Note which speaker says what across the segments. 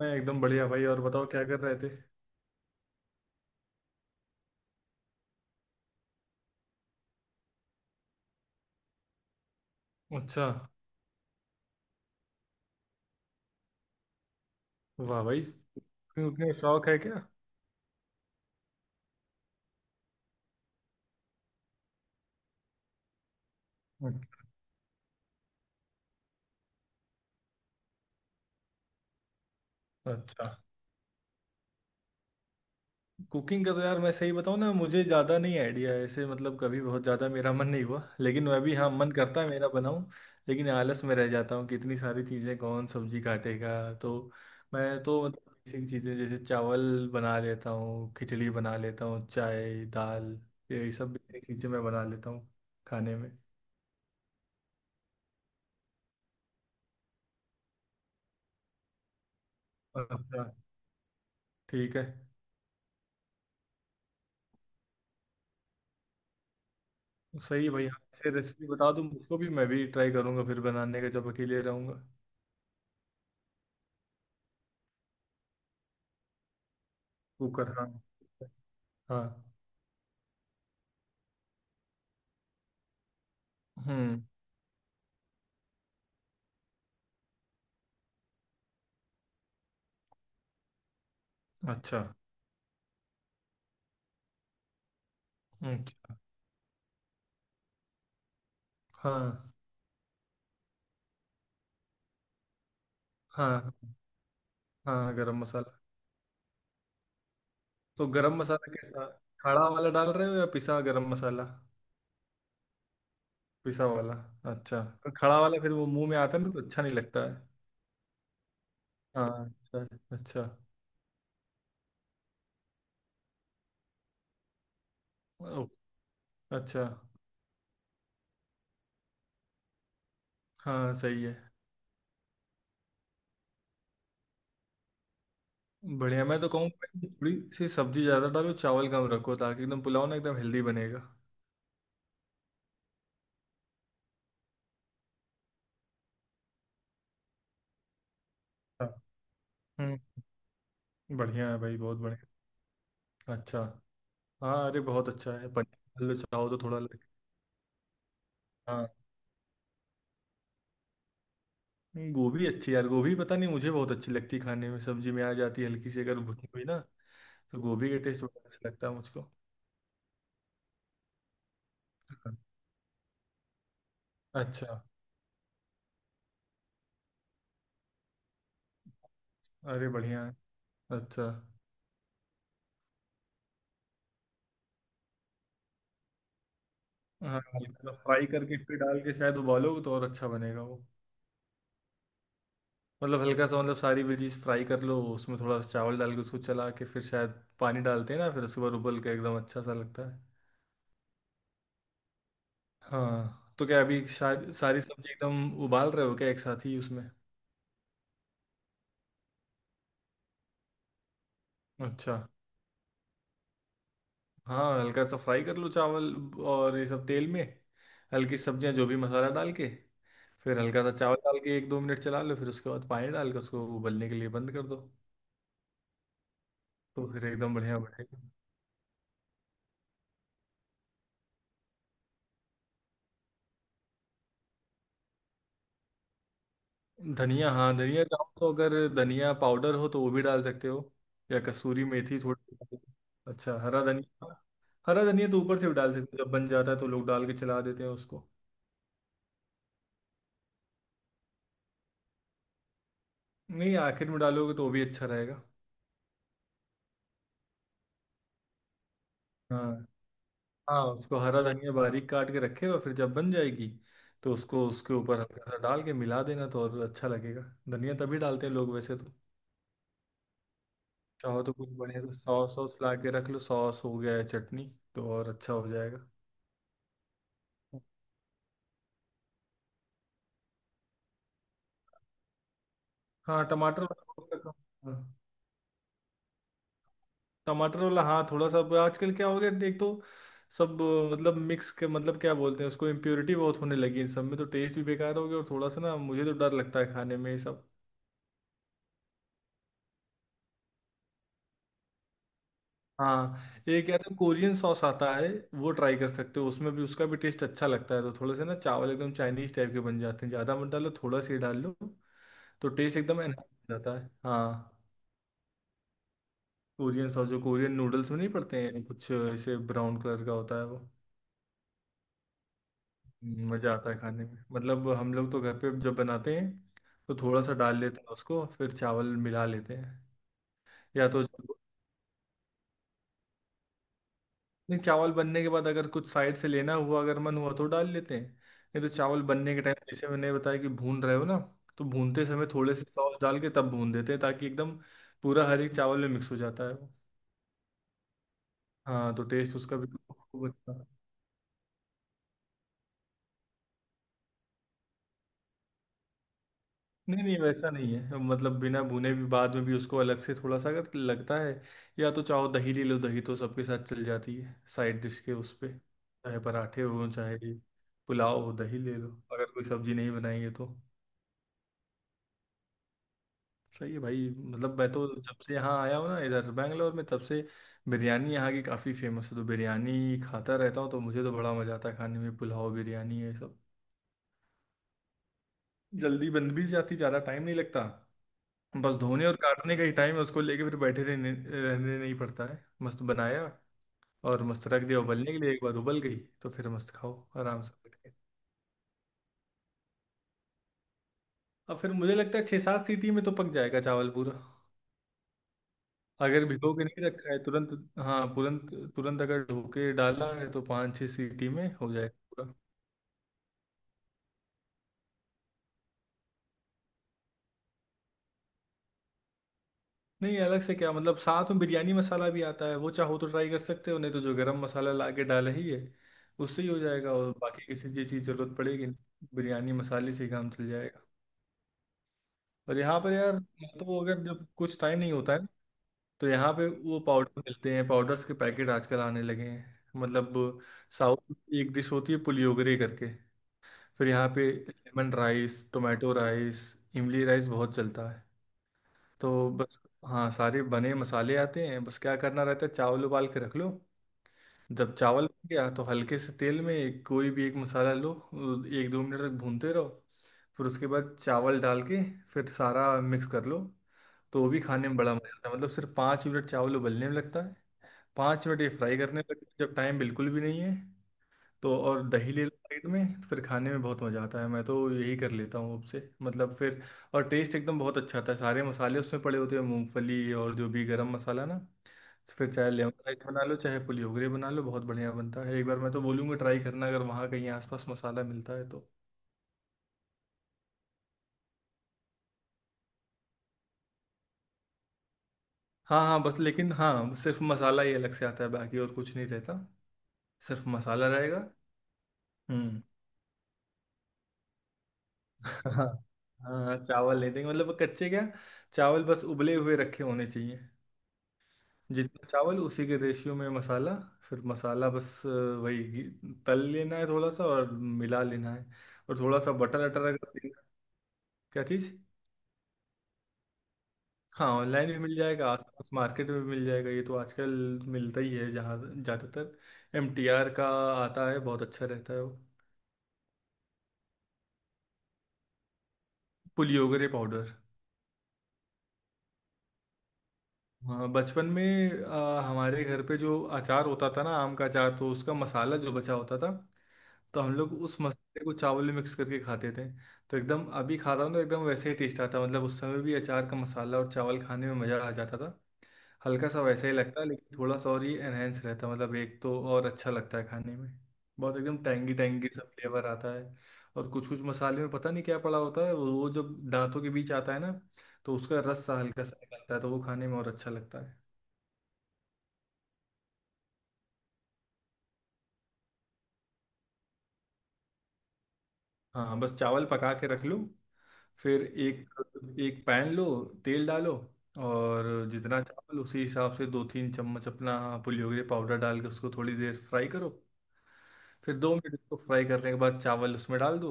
Speaker 1: मैं एकदम बढ़िया भाई। और बताओ क्या कर रहे थे। अच्छा। वाह भाई। तुम्हें शौक है क्या? अच्छा। कुकिंग का तो यार मैं सही बताऊँ ना, मुझे ज़्यादा नहीं आइडिया है ऐसे। मतलब कभी बहुत ज़्यादा मेरा मन नहीं हुआ, लेकिन मैं भी हाँ, मन करता है मेरा बनाऊँ। लेकिन आलस में रह जाता हूँ कि इतनी सारी चीज़ें, कौन सब्जी काटेगा तो। मैं तो मतलब बेसिक चीज़ें जैसे चावल बना लेता हूँ, खिचड़ी बना लेता हूँ, चाय, दाल, यही सब बेसिक चीज़ें मैं बना लेता हूँ खाने में। अच्छा। ठीक है। सही है भाई। आपसे रेसिपी बता दूँ उसको भी, मैं भी ट्राई करूंगा फिर बनाने का जब अकेले रहूंगा। कुकर हाँ। हाँ। हम्म। अच्छा। अच्छा। हाँ, हाँ, हाँ। गरम मसाला। तो गरम मसाला कैसा? खड़ा वाला डाल रहे हो या पिसा गरम मसाला? पिसा वाला। अच्छा। तो खड़ा वाला फिर वो मुंह में आता है ना, तो अच्छा नहीं लगता है। हाँ। अच्छा। अच्छा। ओ, अच्छा। हाँ, सही है। बढ़िया। मैं तो कहूँगा थोड़ी सी सब्जी ज़्यादा डालो, चावल कम रखो, ताकि एकदम पुलाव ना, एकदम हेल्दी बनेगा। हाँ। बढ़िया है भाई, बहुत बढ़िया। अच्छा। हाँ, अरे बहुत अच्छा है। पनीर लो चाहो तो, थोड़ा लग हाँ। नहीं, गोभी अच्छी है यार। गोभी पता नहीं मुझे बहुत अच्छी लगती है खाने में, सब्जी में आ जाती है हल्की सी अगर भुनी हुई ना। तो गोभी का टेस्ट बड़ा अच्छा लगता है मुझको। हाँ। अच्छा। अरे बढ़िया है। अच्छा। हाँ, हल्का सा फ्राई करके फिर डाल के शायद उबालोगे तो और अच्छा बनेगा वो। मतलब हल्का सा, मतलब सारी वेजीज फ्राई कर लो, उसमें थोड़ा सा चावल डाल के उसको चला के फिर शायद पानी डालते हैं ना, फिर उसके बाद उबल के एकदम अच्छा सा लगता है। हाँ, तो क्या अभी सारी सारी सब्जी एकदम उबाल रहे हो क्या, एक साथ ही उसमें? अच्छा। हाँ, हल्का सा फ्राई कर लो चावल और ये सब तेल में, हल्की सब्जियां जो भी मसाला डाल के। फिर हल्का सा चावल डाल के एक दो मिनट चला लो, फिर उसके बाद पानी डाल के उसको उबलने के लिए बंद कर दो। तो फिर एकदम बढ़िया बढ़ेगा। धनिया, हाँ, धनिया चाहो तो अगर धनिया पाउडर हो तो वो भी डाल सकते हो, या कसूरी मेथी थोड़ी। अच्छा, हरा धनिया, हाँ, हरा धनिया तो ऊपर से भी डाल सकते हो, जब बन जाता है तो लोग डाल के चला देते हैं उसको। नहीं, आखिर में डालोगे तो वो भी अच्छा रहेगा। हाँ। हाँ, उसको हरा धनिया बारीक काट के रखे और फिर जब बन जाएगी, तो उसको उसके ऊपर हल्का सा डाल के मिला देना तो और अच्छा लगेगा। धनिया तभी डालते हैं लोग वैसे तो। चाहो तो कुछ बढ़िया से सॉस सॉस ला के रख लो, सॉस हो गया है, चटनी, तो और अच्छा हो जाएगा। हाँ, टमाटर वाला हो सका। हाँ, टमाटर वाला, हाँ, थोड़ा सा। आजकल क्या हो गया, एक तो सब मतलब मिक्स के, मतलब क्या बोलते हैं उसको, इम्प्योरिटी बहुत होने लगी है सब में, तो टेस्ट भी बेकार हो गया और थोड़ा सा ना, मुझे तो डर लगता है खाने में ये सब। हाँ। एक या तो कोरियन सॉस आता है, वो ट्राई कर सकते हो, उसमें भी उसका भी टेस्ट अच्छा लगता है, तो थोड़े से ना चावल एकदम चाइनीज टाइप के बन जाते हैं, ज़्यादा मत डालो, थोड़ा सा ही डाल लो। तो टेस्ट एकदम एनहांस हो जाता है, हाँ। कोरियन सॉस जो कोरियन नूडल्स में नहीं पड़ते हैं, कुछ ऐसे ब्राउन कलर का होता है वो। मज़ा आता है खाने में, मतलब हम लोग तो घर पे जब बनाते हैं तो थोड़ा सा डाल लेते हैं उसको फिर चावल मिला लेते हैं। या तो, नहीं, चावल बनने के बाद अगर कुछ साइड से लेना हुआ, अगर मन हुआ तो डाल लेते हैं। नहीं तो चावल बनने के टाइम जैसे मैंने बताया कि भून रहे हो ना, तो भूनते समय थोड़े से सॉस डाल के तब भून देते हैं, ताकि एकदम पूरा हर एक चावल में मिक्स हो जाता है वो। हाँ, तो टेस्ट उसका भी खूब अच्छा। नहीं, नहीं, वैसा नहीं है, मतलब बिना भुने भी, बाद में भी उसको अलग से थोड़ा सा अगर लगता है, या तो चाहो दही ले लो, दही तो सबके साथ चल जाती है साइड डिश के, उस पे चाहे पराठे हो चाहे पुलाव हो, दही ले लो अगर कोई सब्जी नहीं बनाएंगे तो। सही है भाई। मतलब मैं तो जब से यहाँ आया हूँ ना इधर बैंगलोर में, तब से बिरयानी यहाँ की काफ़ी फेमस है तो बिरयानी खाता रहता हूँ, तो मुझे तो बड़ा मज़ा आता है खाने में पुलाव, बिरयानी, ये सब। जल्दी बन भी जाती, ज़्यादा टाइम नहीं लगता। बस धोने और काटने का ही टाइम है उसको लेके, फिर बैठे रहने रहने नहीं पड़ता है, मस्त बनाया और मस्त रख दिया उबलने के लिए, एक बार उबल गई तो फिर मस्त खाओ आराम से बैठ के। अब फिर मुझे लगता है 6-7 सीटी में तो पक जाएगा चावल पूरा, अगर भिगो के नहीं रखा है तुरंत। हाँ, तुरंत। तुरंत अगर धो के डाला है तो 5-6 सीटी में हो जाएगा पूरा। नहीं, अलग से क्या मतलब, साथ में बिरयानी मसाला भी आता है, वो चाहो तो ट्राई कर सकते हो, नहीं तो जो गरम मसाला ला के डाला ही है उससे ही हो जाएगा और बाकी किसी चीज़ की जरूरत पड़ेगी नहीं। बिरयानी मसाले से ही काम चल जाएगा। और यहाँ पर यार, तो अगर जब कुछ टाइम नहीं होता है तो यहाँ पे वो पाउडर मिलते हैं, पाउडर्स के पैकेट आजकल आने लगे हैं। मतलब साउथ की एक डिश होती है पुलियोगरे करके, फिर यहाँ पे लेमन राइस, टोमेटो राइस, इमली राइस बहुत चलता है। तो बस, हाँ सारे बने मसाले आते हैं, बस क्या करना रहता है, चावल उबाल के रख लो। जब चावल बन गया तो हल्के से तेल में कोई भी एक मसाला लो, 1-2 मिनट तक भूनते रहो। फिर उसके बाद चावल डाल के फिर सारा मिक्स कर लो। तो वो भी खाने में बड़ा मज़ा आता है, मतलब सिर्फ 5 मिनट चावल उबलने में लगता है, 5 मिनट ये फ्राई करने में लगता है जब टाइम बिल्कुल भी नहीं है। तो और दही ले लो साइड में, फिर खाने में बहुत मज़ा आता है, मैं तो यही कर लेता हूँ अब से मतलब फिर। और टेस्ट एकदम बहुत अच्छा आता है, सारे मसाले उसमें पड़े होते हैं, मूंगफली और जो भी गरम मसाला ना। तो फिर चाहे लेमन राइस बना लो चाहे पुली होगरे बना लो, बहुत बढ़िया बनता है, एक बार मैं तो बोलूँगा ट्राई करना अगर वहाँ कहीं आसपास मसाला मिलता है तो। हाँ, हाँ, बस लेकिन हाँ सिर्फ मसाला ही अलग से आता है, बाकी और कुछ नहीं रहता, सिर्फ मसाला रहेगा। हम्म। हाँ, हाँ, चावल नहीं देंगे मतलब वो कच्चे क्या। चावल बस उबले हुए रखे होने चाहिए, जितना चावल उसी के रेशियो में मसाला, फिर मसाला बस वही तल लेना है थोड़ा सा और मिला लेना है। और थोड़ा सा बटर अटर अगर देना। क्या चीज़? हाँ, ऑनलाइन भी मिल जाएगा, आसपास मार्केट में भी मिल जाएगा, ये तो आजकल मिलता ही है जहाँ ज़्यादातर MTR का आता है, बहुत अच्छा रहता है वो। पुलियोगरे पाउडर। हाँ, बचपन में हमारे घर पे जो अचार होता था ना, आम का अचार, तो उसका मसाला जो बचा होता था, तो हम लोग उस मसाले को चावल में मिक्स करके खाते थे। तो एकदम अभी खाता हूँ तो एकदम वैसे ही टेस्ट आता है। मतलब उस समय भी अचार का मसाला और चावल खाने में मज़ा आ जाता था। हल्का सा वैसा ही लगता है लेकिन थोड़ा सा और ये एनहेंस रहता है, मतलब एक तो और अच्छा लगता है खाने में। बहुत एकदम टैंगी टैंगी सा फ्लेवर आता है। और कुछ कुछ मसाले में पता नहीं क्या पड़ा होता है, वो जब दांतों के बीच आता है ना, तो उसका रस सा हल्का सा निकलता है, तो वो खाने में और अच्छा लगता। हाँ, हाँ, बस चावल पका के रख लो। फिर एक एक पैन लो, तेल डालो, और जितना चावल उसी हिसाब से 2-3 चम्मच अपना पुलियोगरे पाउडर डाल के उसको थोड़ी देर फ्राई करो। फिर 2 मिनट इसको फ्राई करने के बाद चावल उसमें डाल दो,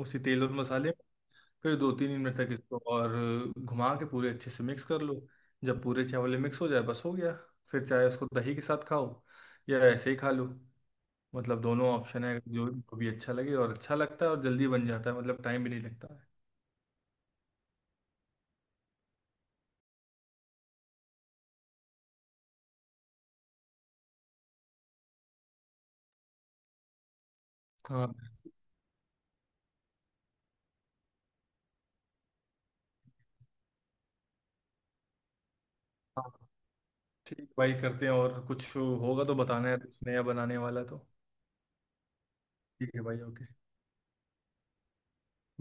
Speaker 1: उसी तेल और मसाले में। फिर 2-3 मिनट तक इसको और घुमा के पूरे अच्छे से मिक्स कर लो। जब पूरे चावल मिक्स हो जाए बस हो गया, फिर चाहे उसको दही के साथ खाओ या ऐसे ही खा लो, मतलब दोनों ऑप्शन है जो जो भी अच्छा लगे, और अच्छा लगता है और जल्दी बन जाता है, मतलब टाइम भी नहीं लगता है। हाँ। हाँ, ठीक है भाई, करते हैं, और कुछ होगा तो बताना है, पूछने या बनाने वाला तो। ठीक है भाई, ओके।